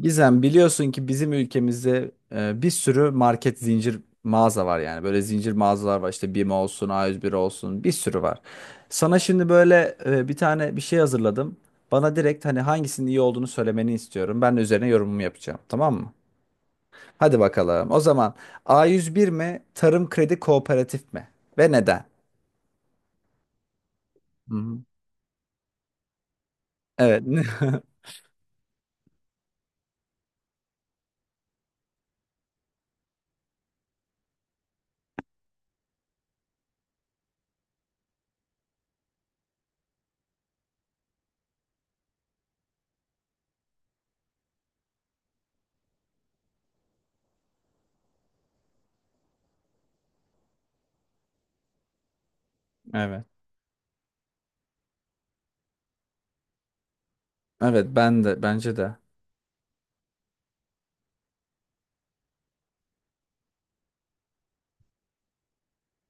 Gizem, biliyorsun ki bizim ülkemizde bir sürü market zincir mağaza var yani. Böyle zincir mağazalar var işte BİM olsun, A101 olsun bir sürü var. Sana şimdi böyle bir tane bir şey hazırladım. Bana direkt hani hangisinin iyi olduğunu söylemeni istiyorum. Ben de üzerine yorumumu yapacağım, tamam mı? Hadi bakalım. O zaman A101 mi, Tarım Kredi Kooperatif mi ve neden? Hı hı. Evet. Evet. Evet, ben de bence de.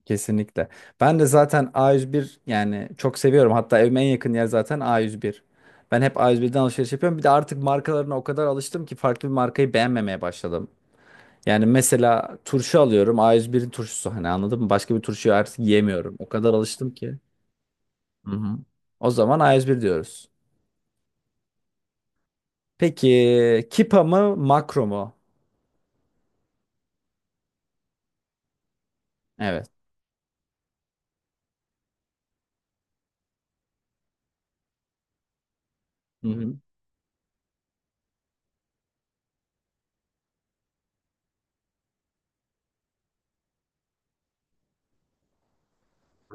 Kesinlikle. Ben de zaten A101 yani çok seviyorum. Hatta evime en yakın yer zaten A101. Ben hep A101'den alışveriş yapıyorum. Bir de artık markalarına o kadar alıştım ki farklı bir markayı beğenmemeye başladım. Yani mesela turşu alıyorum. A101'in turşusu hani anladın mı? Başka bir turşuyu artık yiyemiyorum. O kadar alıştım ki. Hı hı. O zaman A101 diyoruz. Peki Kipa mı Makro mu? Evet. Hı hı.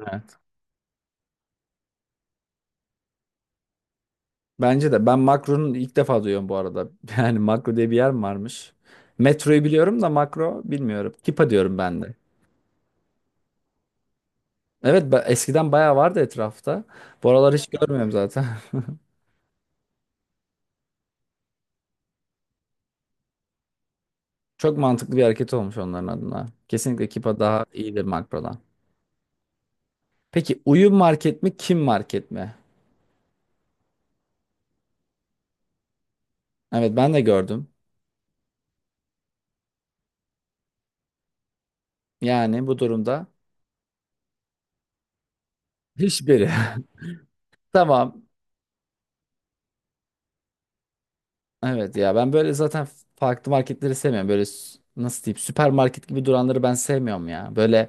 Evet. Bence de. Ben Makro'nun ilk defa duyuyorum bu arada. Yani Makro diye bir yer mi varmış? Metroyu biliyorum da Makro bilmiyorum. Kipa diyorum ben de. Evet, eskiden bayağı vardı etrafta. Bu aralar hiç görmüyorum zaten. Çok mantıklı bir hareket olmuş onların adına. Kesinlikle Kipa daha iyidir Makro'dan. Peki uyum market mi kim market mi? Evet, ben de gördüm. Yani bu durumda hiçbiri. Tamam. Evet ya, ben böyle zaten farklı marketleri sevmiyorum. Böyle nasıl diyeyim, süpermarket gibi duranları ben sevmiyorum ya. Böyle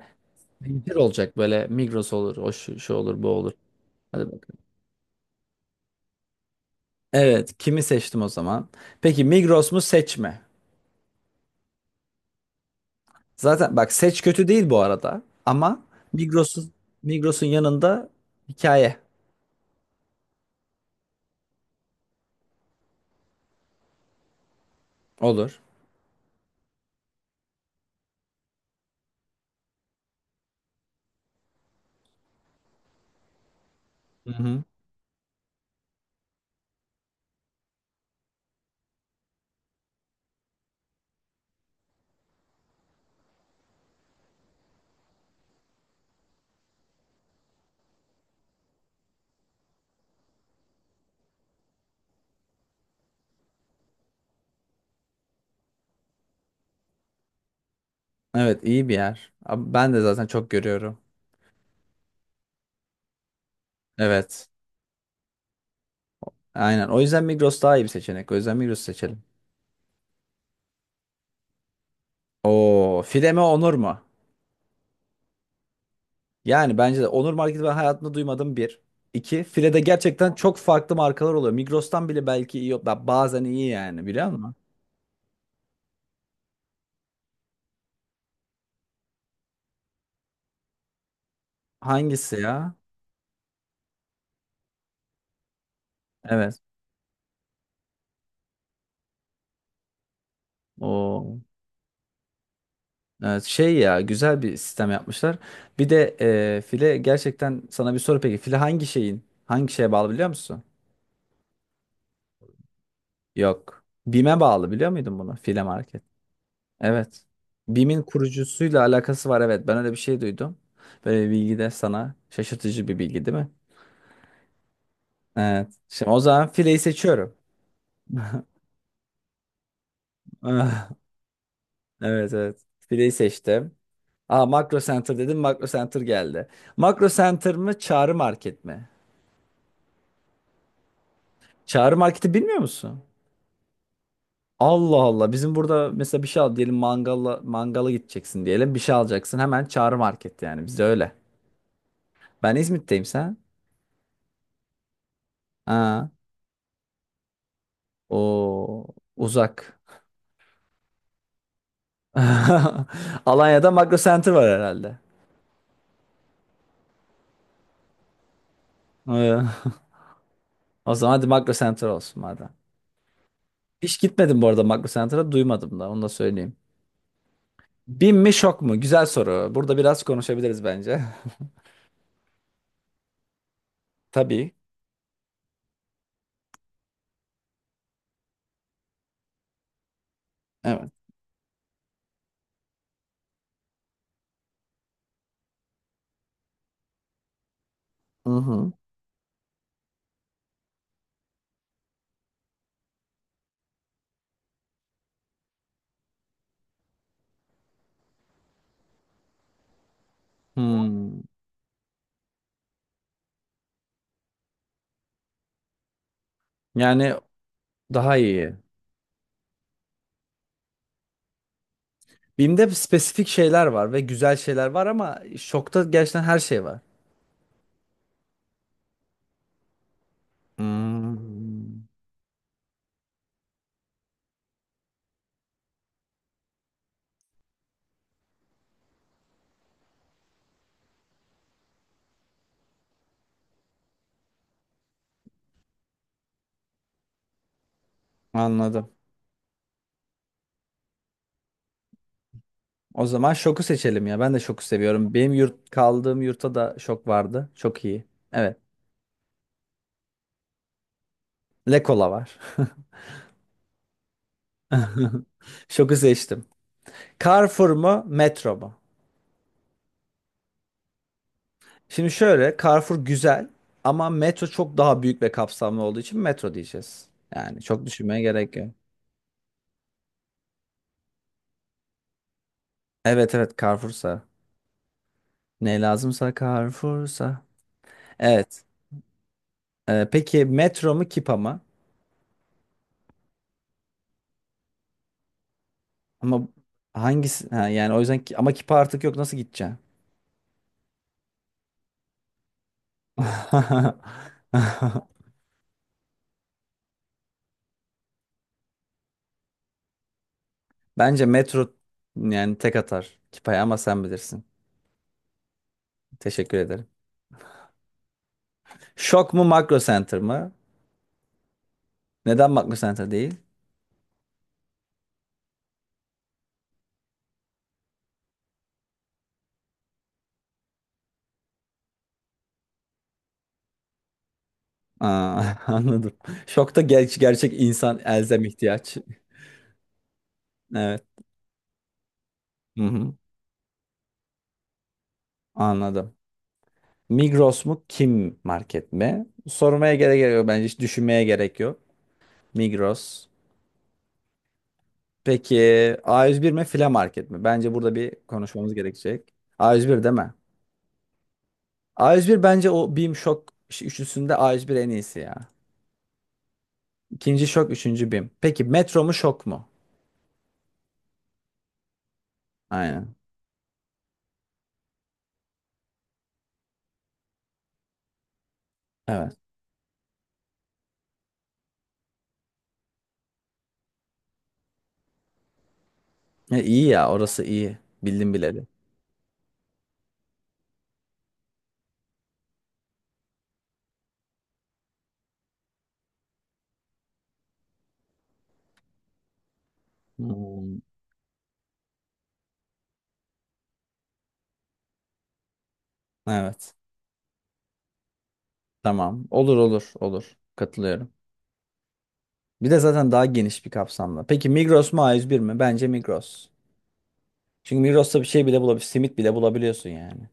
zincir olacak böyle, Migros olur, o şu, şu olur, bu olur. Hadi bak. Evet, kimi seçtim o zaman? Peki Migros mu seç mi? Zaten bak, seç kötü değil bu arada ama Migros'un Migros'un yanında hikaye olur. Hı hı. Evet, iyi bir yer. Abi, ben de zaten çok görüyorum. Evet. Aynen. O yüzden Migros daha iyi bir seçenek. O yüzden Migros'u seçelim. Oo, file mi Onur mu? Yani bence de Onur Market'i ben hayatımda duymadım bir. İki, File'de gerçekten çok farklı markalar oluyor. Migros'tan bile belki iyi, bazen iyi yani biliyor musun? Hangisi ya? Evet. O, evet, şey ya güzel bir sistem yapmışlar. Bir de File gerçekten sana bir soru peki. File hangi şeyin? Hangi şeye bağlı biliyor musun? Yok. BİM'e bağlı biliyor muydun bunu? File Market. Evet. BİM'in kurucusuyla alakası var, evet. Ben öyle bir şey duydum. Böyle bir bilgi de sana şaşırtıcı bir bilgi değil mi? Evet. Şimdi o zaman fileyi seçiyorum. Ah, evet, evet. Fileyi seçtim. Aa, Makro Center dedim. Makro Center geldi. Makro Center mı Çağrı Market mi? Çağrı Market'i bilmiyor musun? Allah Allah. Bizim burada mesela bir şey al diyelim, mangala mangala gideceksin diyelim. Bir şey alacaksın. Hemen Çağrı Market yani. Bizde öyle. Ben İzmit'teyim, sen? Aa, o uzak. Alanya'da Makro Center var herhalde. Ee, O zaman hadi Makro Center olsun madem. Hiç gitmedim bu arada Makro Center'a, duymadım da onu da söyleyeyim. Bin mi şok mu? Güzel soru. Burada biraz konuşabiliriz bence. Tabii. Evet. Hı hı. Hmm. Yani daha iyi. Binde spesifik şeyler var ve güzel şeyler var ama şokta gerçekten her şey var. Hmm. Anladım. O zaman şoku seçelim ya. Ben de şoku seviyorum. Benim yurt kaldığım yurtta da şok vardı. Çok iyi. Evet. Lekola var. Şoku seçtim. Carrefour mu, metro mu? Şimdi şöyle, Carrefour güzel ama metro çok daha büyük ve kapsamlı olduğu için metro diyeceğiz. Yani çok düşünmeye gerek yok. Evet, evet, Carrefour'sa. Ne lazımsa Carrefour'sa. Evet. Peki metro mu Kipa mı? Ama hangisi? Ha, yani o yüzden ama Kipa artık yok, nasıl gideceksin? Bence metro yani tek atar Kipa'ya ama sen bilirsin. Teşekkür ederim. Şok mu Makro Center mı? Neden Makro Center değil? Aa, anladım. Şokta gerçek insan elzem ihtiyaç. Evet. Hı hı. Anladım. Migros mu? Kim market mi? Sormaya gerek yok bence. Hiç düşünmeye gerek yok. Migros. Peki A101 mi? File market mi? Bence burada bir konuşmamız gerekecek. A101 değil mi? A101 bence o BİM Şok üçlüsünde A101 en iyisi ya. İkinci Şok, üçüncü BİM. Peki Metro mu Şok mu? Aynen. Evet. E, iyi ya, orası iyi. Bildim bileli. Hmm. Evet. Tamam. Olur, olur, olur. Katılıyorum. Bir de zaten daha geniş bir kapsamda. Peki Migros mu A101 mi? Bence Migros. Çünkü Migros'ta bir şey bile bulabiliyorsun. Simit bile bulabiliyorsun yani.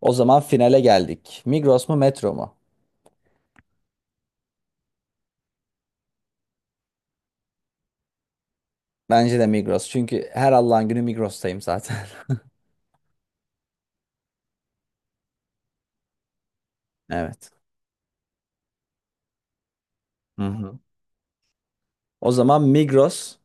O zaman finale geldik. Migros mu Metro mu? Bence de Migros. Çünkü her Allah'ın günü Migros'tayım zaten. Evet. Hı hı. O zaman Migros.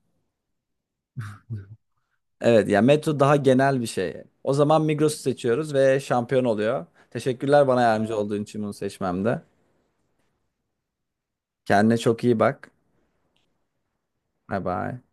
Evet ya, Metro daha genel bir şey. O zaman Migros'u seçiyoruz ve şampiyon oluyor. Teşekkürler, bana yardımcı olduğun için bunu seçmemde. Kendine çok iyi bak. Bye bye.